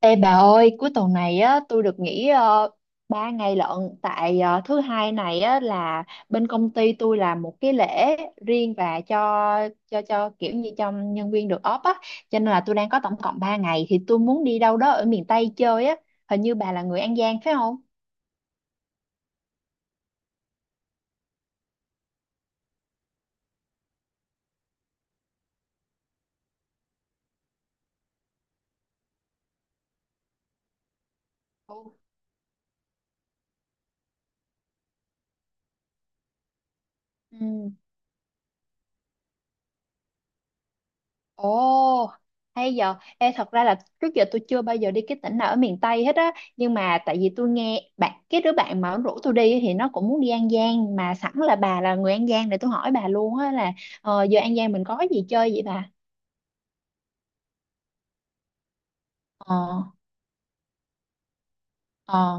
Ê bà ơi, cuối tuần này á, tôi được nghỉ uh, 3 ngày lận tại thứ hai này á, là bên công ty tôi làm một cái lễ riêng và cho kiểu như cho nhân viên được off á, cho nên là tôi đang có tổng cộng 3 ngày thì tôi muốn đi đâu đó ở miền Tây chơi á, hình như bà là người An Giang phải không? Ừ. Ồ, hay giờ. Ê, thật ra là trước giờ tôi chưa bao giờ đi cái tỉnh nào ở miền Tây hết á. Nhưng mà tại vì tôi nghe cái đứa bạn mà nó rủ tôi đi thì nó cũng muốn đi An Giang. Mà sẵn là bà là người An Giang để tôi hỏi bà luôn á là giờ An Giang mình có gì chơi vậy bà? Ờ, ờ,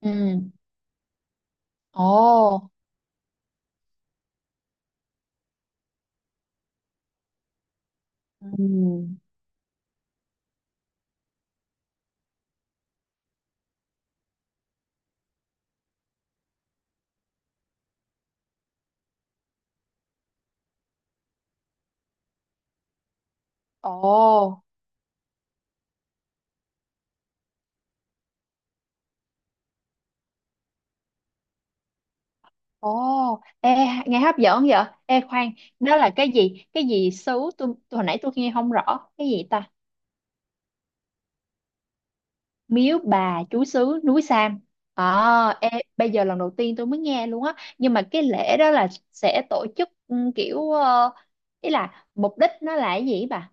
ừ, ồ, ừ, ồ, ồ. Ê, nghe hấp dẫn vậy? Ê, khoan, đó là cái gì? Cái gì xứ? Tôi hồi nãy tôi nghe không rõ. Cái gì ta? Miếu Bà Chúa Xứ núi Sam. À, ê, bây giờ lần đầu tiên tôi mới nghe luôn á nhưng mà cái lễ đó là sẽ tổ chức kiểu ý là mục đích nó là cái gì ấy bà.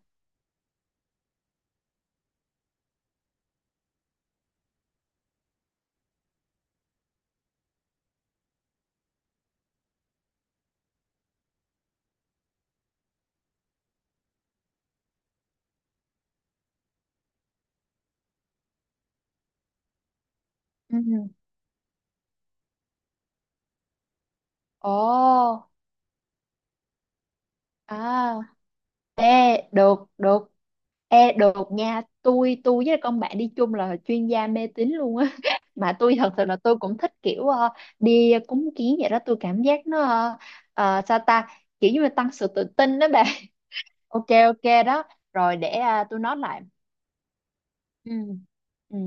Ừ. Ồ. À. Ê được được. Ê được nha, tôi với con bạn đi chung là chuyên gia mê tín luôn á mà tôi thật sự là tôi cũng thích kiểu đi cúng kiến vậy đó, tôi cảm giác nó sao ta, kiểu như là tăng sự tự tin đó bà. Ok, ok đó. Rồi để à, tôi nói lại. Ừ. Ừ.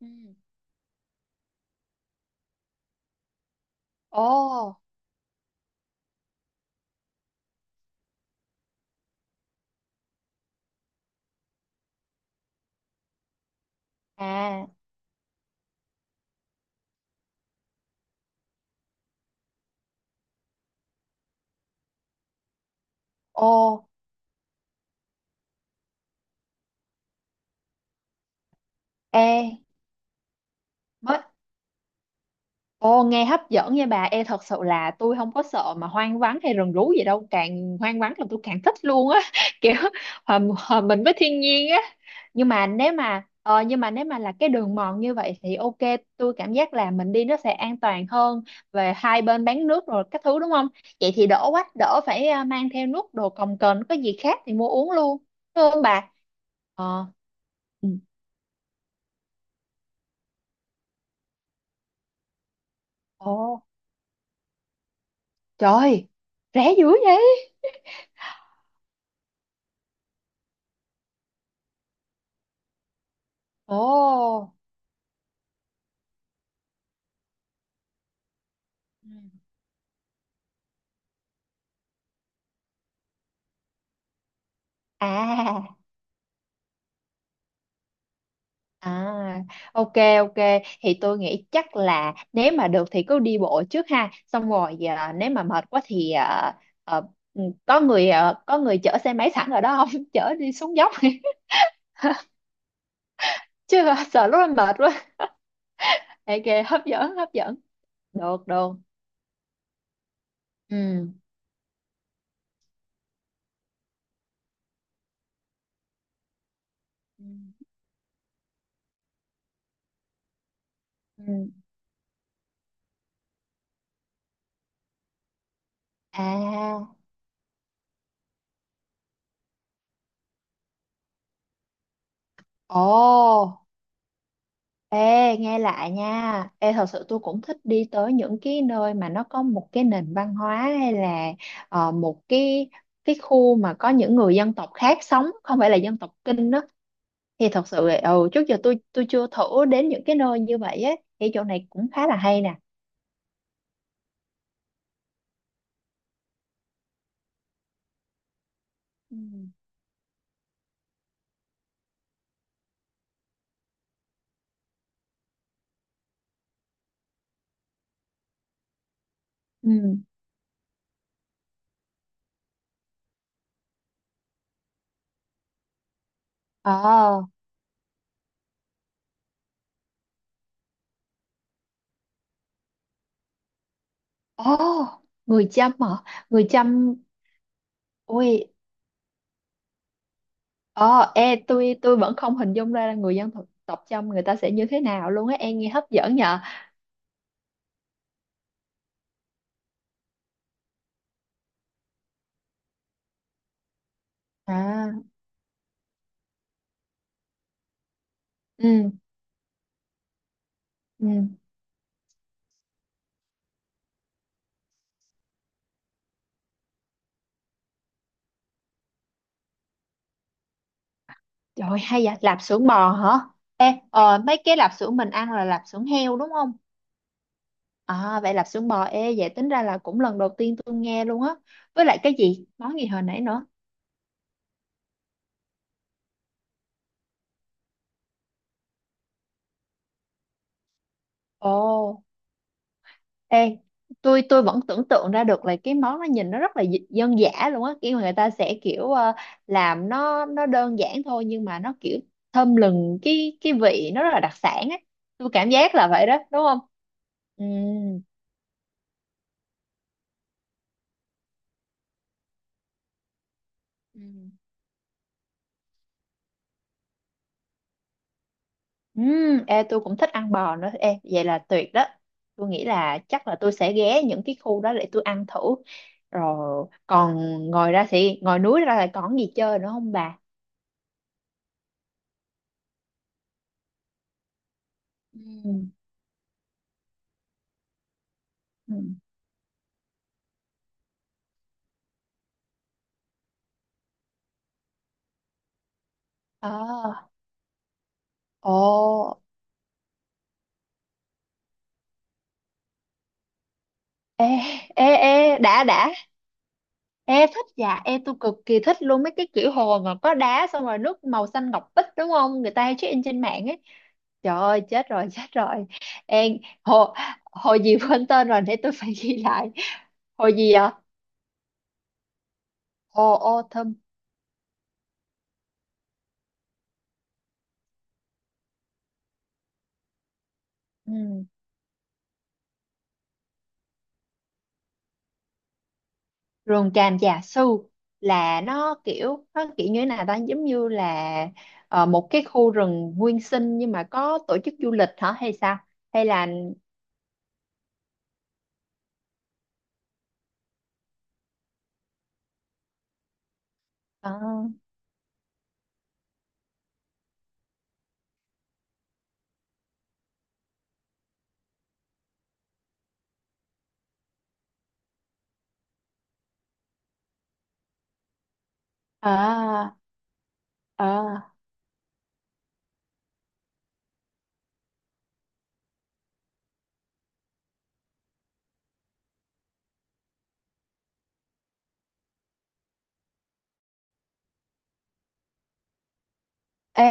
Ừ. Ô. À. Ô. Ê. mới Ồ, nghe hấp dẫn nha bà. Ê, thật sự là tôi không có sợ mà hoang vắng hay rừng rú gì đâu. Càng hoang vắng là tôi càng thích luôn á. Kiểu hòa mình với thiên nhiên á. Nhưng mà nếu mà là cái đường mòn như vậy thì ok. Tôi cảm giác là mình đi nó sẽ an toàn hơn, về hai bên bán nước rồi các thứ đúng không? Vậy thì đỡ quá. Đỡ phải mang theo nước đồ cồng kềnh, có gì khác thì mua uống luôn. Đúng không bà? Ờ. Ừ. Ồ, trời. Rẻ dữ vậy. Ồ. Ừ. À, à, ok ok, thì tôi nghĩ chắc là nếu mà được thì cứ đi bộ trước ha, xong rồi nếu mà mệt quá thì à, có người chở xe máy sẵn ở đó không chở đi xuống dốc chứ sợ lúc em mệt quá. Ok, hấp dẫn hấp dẫn, được được. Ừ. Ừ. Ừ. À. Ồ. Ê, nghe lại nha. Ê, thật sự tôi cũng thích đi tới những cái nơi mà nó có một cái nền văn hóa hay là một cái khu mà có những người dân tộc khác sống, không phải là dân tộc Kinh đó. Thì thật sự là, trước giờ tôi chưa thử đến những cái nơi như vậy á. Thì chỗ này cũng khá là hay nè. Ừ. Ừ. Ờ. Ồ, người Chăm hả? Người Chăm, ui, ờ, ê, tôi vẫn không hình dung ra là người dân tộc tộc Chăm người ta sẽ như thế nào luôn á. Em nghe hấp dẫn nhờ. À. Ừ. Ừ. Trời, hay vậy, lạp xưởng bò hả? Ê mấy cái lạp xưởng mình ăn là lạp xưởng heo đúng không? À, vậy lạp xưởng bò. Ê, vậy tính ra là cũng lần đầu tiên tôi nghe luôn á, với lại cái gì món gì hồi nãy nữa? Ồ. Ê, tôi vẫn tưởng tượng ra được là cái món nó nhìn nó rất là dân dã luôn á, kiểu người ta sẽ kiểu làm nó đơn giản thôi nhưng mà nó kiểu thơm lừng, cái vị nó rất là đặc sản á, tôi cảm giác là vậy đó đúng không? Ừ. Ê, tôi cũng thích ăn bò nữa. Ê, vậy là tuyệt đó, tôi nghĩ là chắc là tôi sẽ ghé những cái khu đó để tôi ăn thử. Rồi còn ngồi núi ra là còn gì chơi nữa không bà? Ừ. Ừm. Ờ. Ồ. Ê, ê, ê, đã đã. Ê thích dạ. Ê, tôi cực kỳ thích luôn mấy cái kiểu hồ mà có đá xong rồi nước màu xanh ngọc bích đúng không? Người ta hay check in trên mạng ấy. Trời ơi, chết rồi chết rồi. Ê hồ, hồ gì quên tên rồi để tôi phải ghi lại. Hồ gì ạ? Hồ Autumn. Ừ. Rừng tràm già su. Là nó kiểu. Nó kiểu như thế nào ta, giống như là một cái khu rừng nguyên sinh, nhưng mà có tổ chức du lịch hả hay sao? Hay là ờ, ờ, ờ. Ê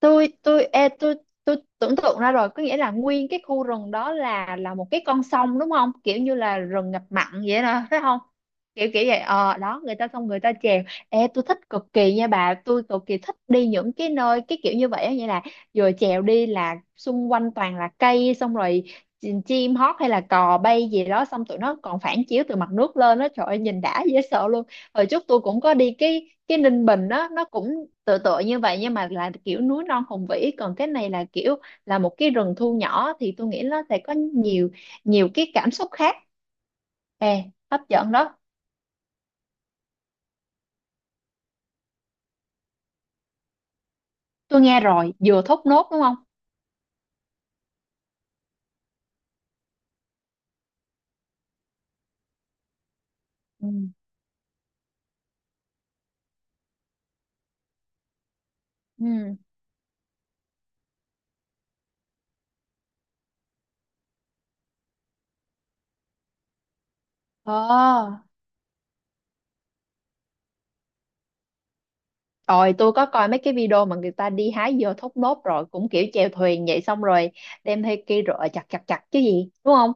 tôi tôi ê, tôi tôi tưởng tượng ra rồi, có nghĩa là nguyên cái khu rừng đó là một cái con sông đúng không, kiểu như là rừng ngập mặn vậy đó phải không, kiểu kiểu vậy. Ờ đó, người ta xong người ta chèo. Ê, tôi thích cực kỳ nha bà, tôi cực kỳ thích đi những cái nơi cái kiểu như vậy á, nghĩa là vừa chèo đi là xung quanh toàn là cây, xong rồi chim hót hay là cò bay gì đó, xong tụi nó còn phản chiếu từ mặt nước lên đó, trời ơi nhìn đã dễ sợ. Hồi trước tôi cũng có đi cái Ninh Bình đó, nó cũng tựa tựa như vậy nhưng mà là kiểu núi non hùng vĩ, còn cái này là kiểu là một cái rừng thu nhỏ thì tôi nghĩ nó sẽ có nhiều nhiều cái cảm xúc khác. Ê, hấp dẫn đó. Tôi nghe rồi, dừa thốt nốt đúng không? Ừ. Ừ. Ờ, rồi tôi có coi mấy cái video mà người ta đi hái dừa thốt nốt rồi cũng kiểu chèo thuyền vậy, xong rồi đem theo cây rựa chặt chặt chặt chứ gì, đúng không?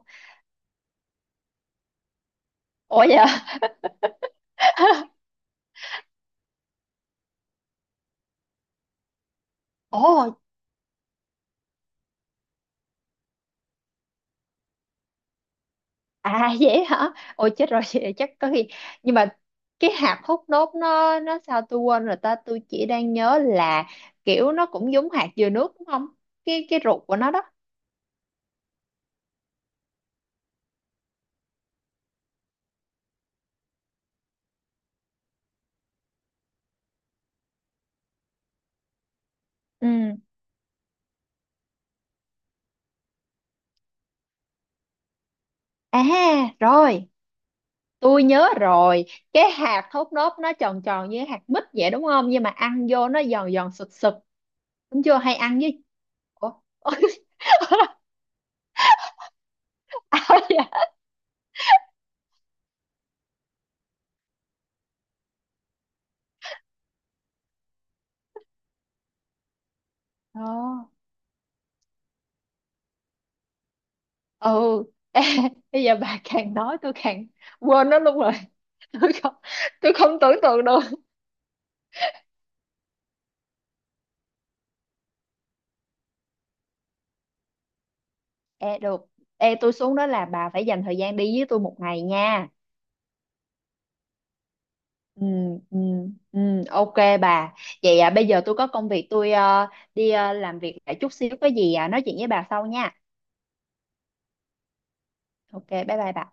Ủa vậy. Ồ. À. Vậy hả? Ôi chết rồi, vậy chắc có khi, nhưng mà cái hạt hút nốt nó sao tôi quên rồi ta, tôi chỉ đang nhớ là kiểu nó cũng giống hạt dừa nước đúng không? Cái ruột của nó đó. Ừ. À rồi, tôi nhớ rồi. Cái hạt hút nốt nó tròn tròn như hạt mít vậy đúng không? Nhưng mà ăn vô nó giòn giòn sực sực. Đúng chưa? Hay ăn với. Ủa? Ôi, áo dạ. Ờ. Ừ. Ê, bây giờ bà càng nói tôi càng quên nó luôn rồi. Tôi không tôi không tưởng tượng được. Ê được. Ê, tôi xuống đó là bà phải dành thời gian đi với tôi một ngày nha. Ừ, ừ, ừ, ok bà. Vậy à, bây giờ tôi có công việc, tôi đi làm việc lại chút xíu, có gì à, nói chuyện với bà sau nha. Ok, bye bye bà.